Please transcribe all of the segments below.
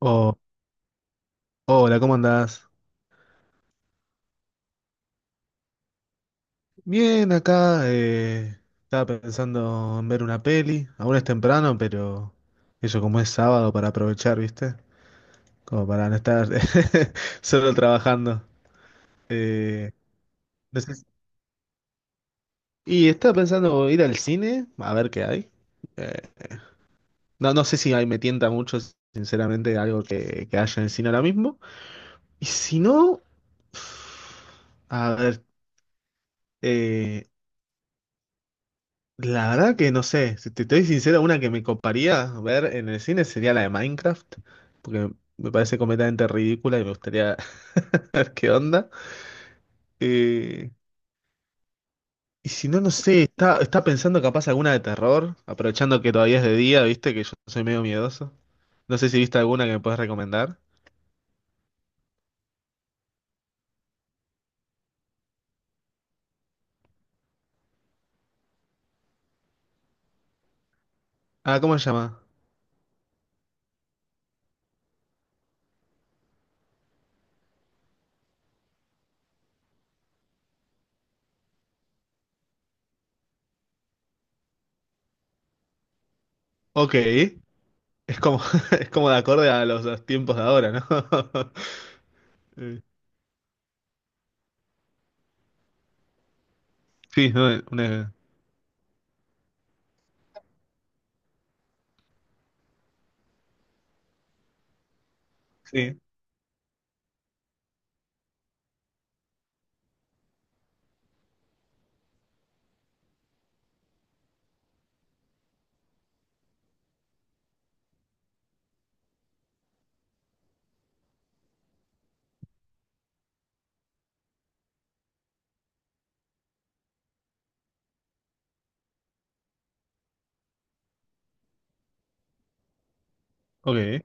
Oh, hola, ¿cómo andás? Bien, acá estaba pensando en ver una peli. Aún es temprano, pero eso como es sábado para aprovechar, ¿viste? Como para no estar solo trabajando. Eh, no sé si- estaba pensando ir al cine a ver qué hay. Eh, no, no sé si ahí me tienta mucho, sinceramente, algo que haya en el cine ahora mismo. Y si no, a ver. eh, La verdad que no sé, si te estoy sincero, una que me coparía ver en el cine sería la de Minecraft, porque me parece completamente ridícula y me gustaría ver qué onda. Eh, y si no, no sé, está pensando capaz alguna de terror, aprovechando que todavía es de día, viste, que yo soy medio miedoso. No sé si viste alguna que me puedes recomendar. Ah, ¿cómo se llama? Ok, es como, es como de acorde a los tiempos de ahora, ¿no? Eh, Sí, no, una... Sí, ok.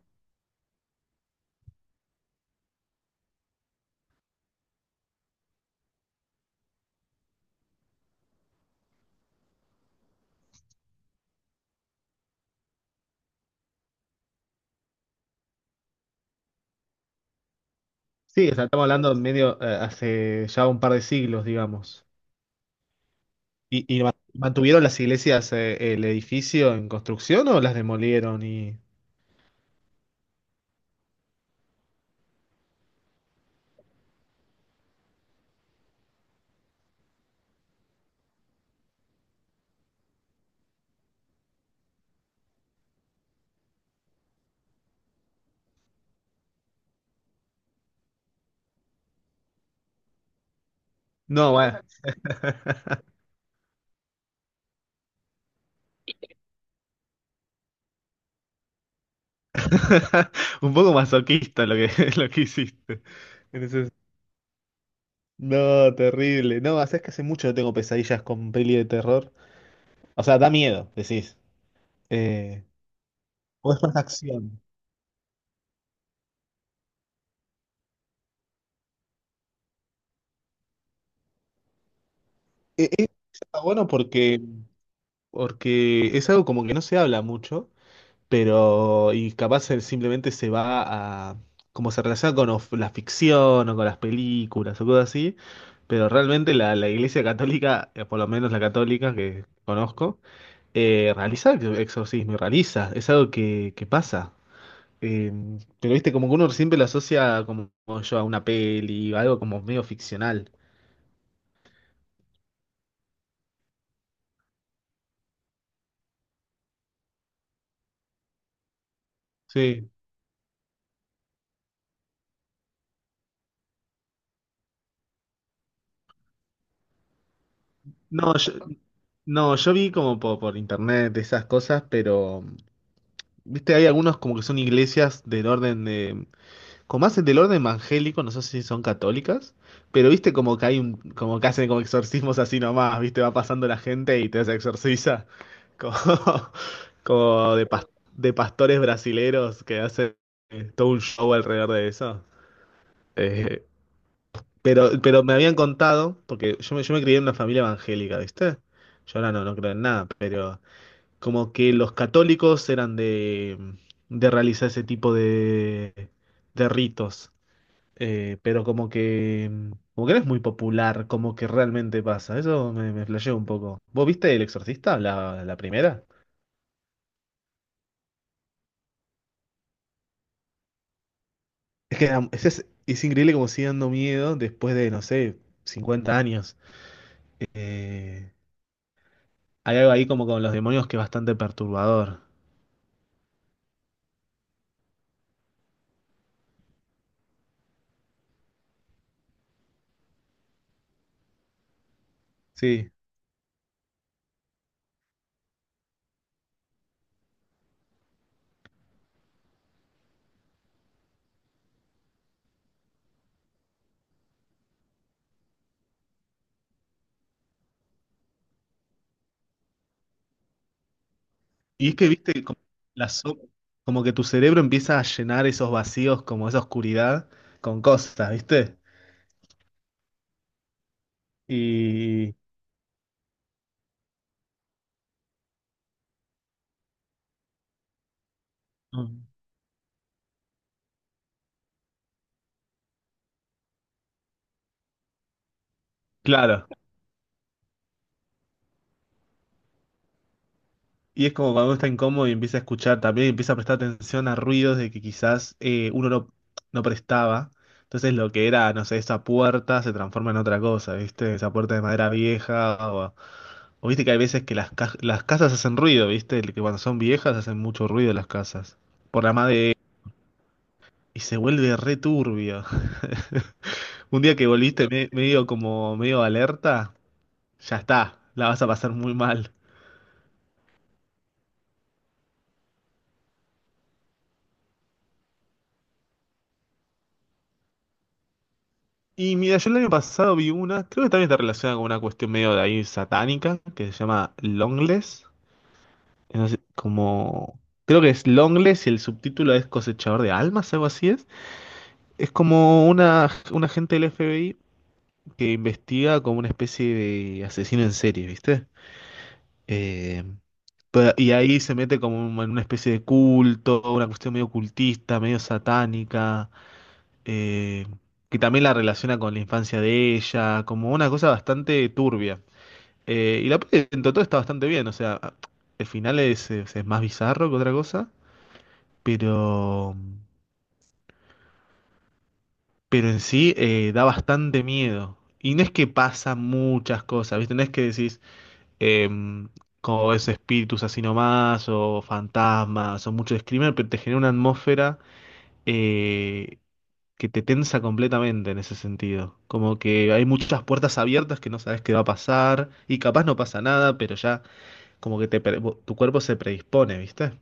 Sí, o sea, estamos hablando medio hace ya un par de siglos, digamos. ¿Y, mantuvieron las iglesias, el edificio en construcción o las demolieron y... No, bueno. Un poco masoquista lo que, lo que hiciste. En ese- No, terrible. No, es que hace mucho no tengo pesadillas con peli de terror. O sea, da miedo, decís. Eh, o es más acción. Está bueno porque, porque es algo como que no se habla mucho. Pero y capaz él simplemente se va a, como se relaciona con la ficción o con las películas o cosas así, pero realmente la Iglesia Católica, por lo menos la católica que conozco, realiza exorcismo y realiza, es algo que pasa. Eh, pero viste, como que uno siempre lo asocia como, como yo a una peli, algo como medio ficcional. Sí. No, yo, no, yo vi como por, internet esas cosas, pero, viste, hay algunos como que son iglesias del orden de como hacen del orden evangélico, no sé si son católicas, pero viste como que hay un, como que hacen como exorcismos así nomás, viste, va pasando la gente y te se exorciza, como, como de, pas- de pastores brasileros que hacen todo un show alrededor de eso. Eh, pero me habían contado, porque yo me crié en una familia evangélica, ¿viste? Yo ahora no, no creo en nada, pero como que los católicos eran de realizar ese tipo de ritos pero como que no es muy popular, como que realmente pasa. Me flasheó un poco. ¿Vos viste El Exorcista, la primera? Es que es increíble como sigue dando miedo después de, no sé, 50 años. Eh, Hay algo ahí como con los demonios que es bastante perturbador. Sí. Y es que, viste, como, la so- como que tu cerebro empieza a llenar esos vacíos, como esa oscuridad, con cosas, ¿viste? Y... Mm. Claro. Y es como cuando uno está incómodo y empieza a escuchar también, empieza a prestar atención a ruidos de que quizás uno no, no prestaba. Entonces lo que era, no sé, esa puerta se transforma en otra cosa, ¿viste? Esa puerta de madera vieja. O viste que hay veces que las casas hacen ruido, ¿viste? Que cuando son viejas hacen mucho ruido las casas. Por la madera. Y se vuelve re turbio. Un día que volviste medio como medio alerta, ya está, la vas a pasar muy mal. Y mira, yo el año pasado vi una, creo que también está relacionada con una cuestión medio de ahí satánica, que se llama Longless. No sé, como, creo que es Longless y el subtítulo es Cosechador de Almas, algo así es. Es como una, un agente del FBI que investiga como una especie de asesino en serie, ¿viste? Eh, y ahí se mete como en una especie de culto, una cuestión medio cultista, medio satánica. eh, que también la relaciona con la infancia de ella, como una cosa bastante turbia. Y la peli en todo está bastante bien, o sea, el final es más bizarro que otra cosa, pero, pero en sí da bastante miedo. Y no es que pasa muchas cosas, ¿viste? No es que decís, em, como es espíritus así nomás, o fantasmas, o mucho screamer, pero te genera una atmósfera eh, que te tensa completamente en ese sentido. Como que hay muchas puertas abiertas que no sabes qué va a pasar y capaz no pasa nada, pero ya como que te, tu cuerpo se predispone, ¿viste?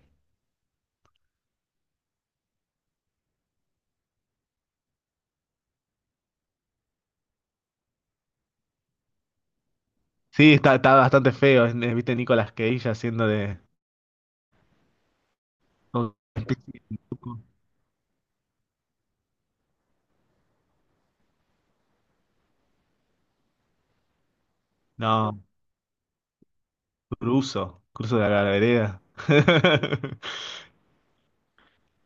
Sí, está, está bastante feo, ¿viste? Nicolas Cage haciendo de... oh, No, cruzo, cruzo de la vereda.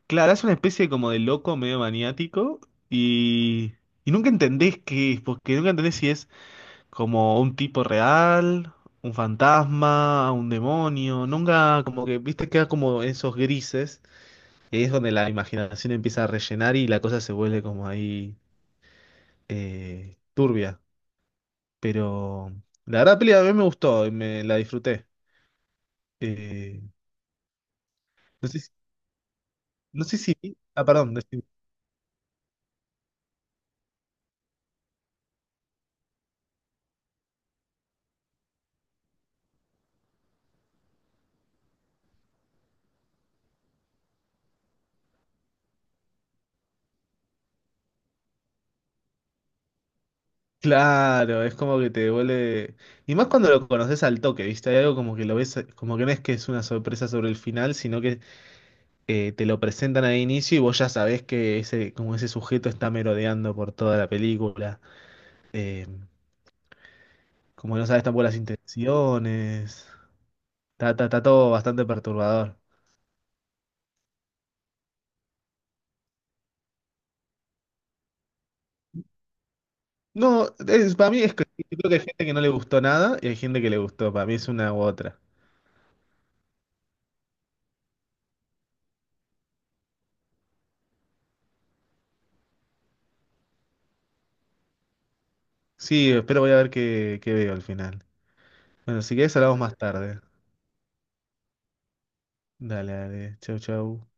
Claro, es una especie como de loco medio maniático y, y nunca entendés qué es, porque nunca entendés si es... Como un tipo real, un fantasma, un demonio. Nunca, como que, viste, queda como esos grises. Y ahí es donde la imaginación empieza a rellenar y la cosa se vuelve como ahí turbia. Pero la verdad, la peli a mí me gustó y me la disfruté. Eh, no sé, no sé si. Ah, perdón. Decime. Claro, es como que te devuelve. Y más cuando lo conoces al toque, ¿viste? Hay algo como que lo ves, como que no es que es una sorpresa sobre el final, sino que te lo presentan al inicio y vos ya sabés que ese, como ese sujeto está merodeando por toda la película. Eh, Como no sabes tampoco las intenciones. Está todo bastante perturbador. No, para mí es que yo creo que hay gente que no le gustó nada y hay gente que le gustó. Para mí es una u otra. Sí, espero voy a ver qué, qué veo al final. Bueno, si querés hablamos más tarde. Dale, dale. Chau, chau.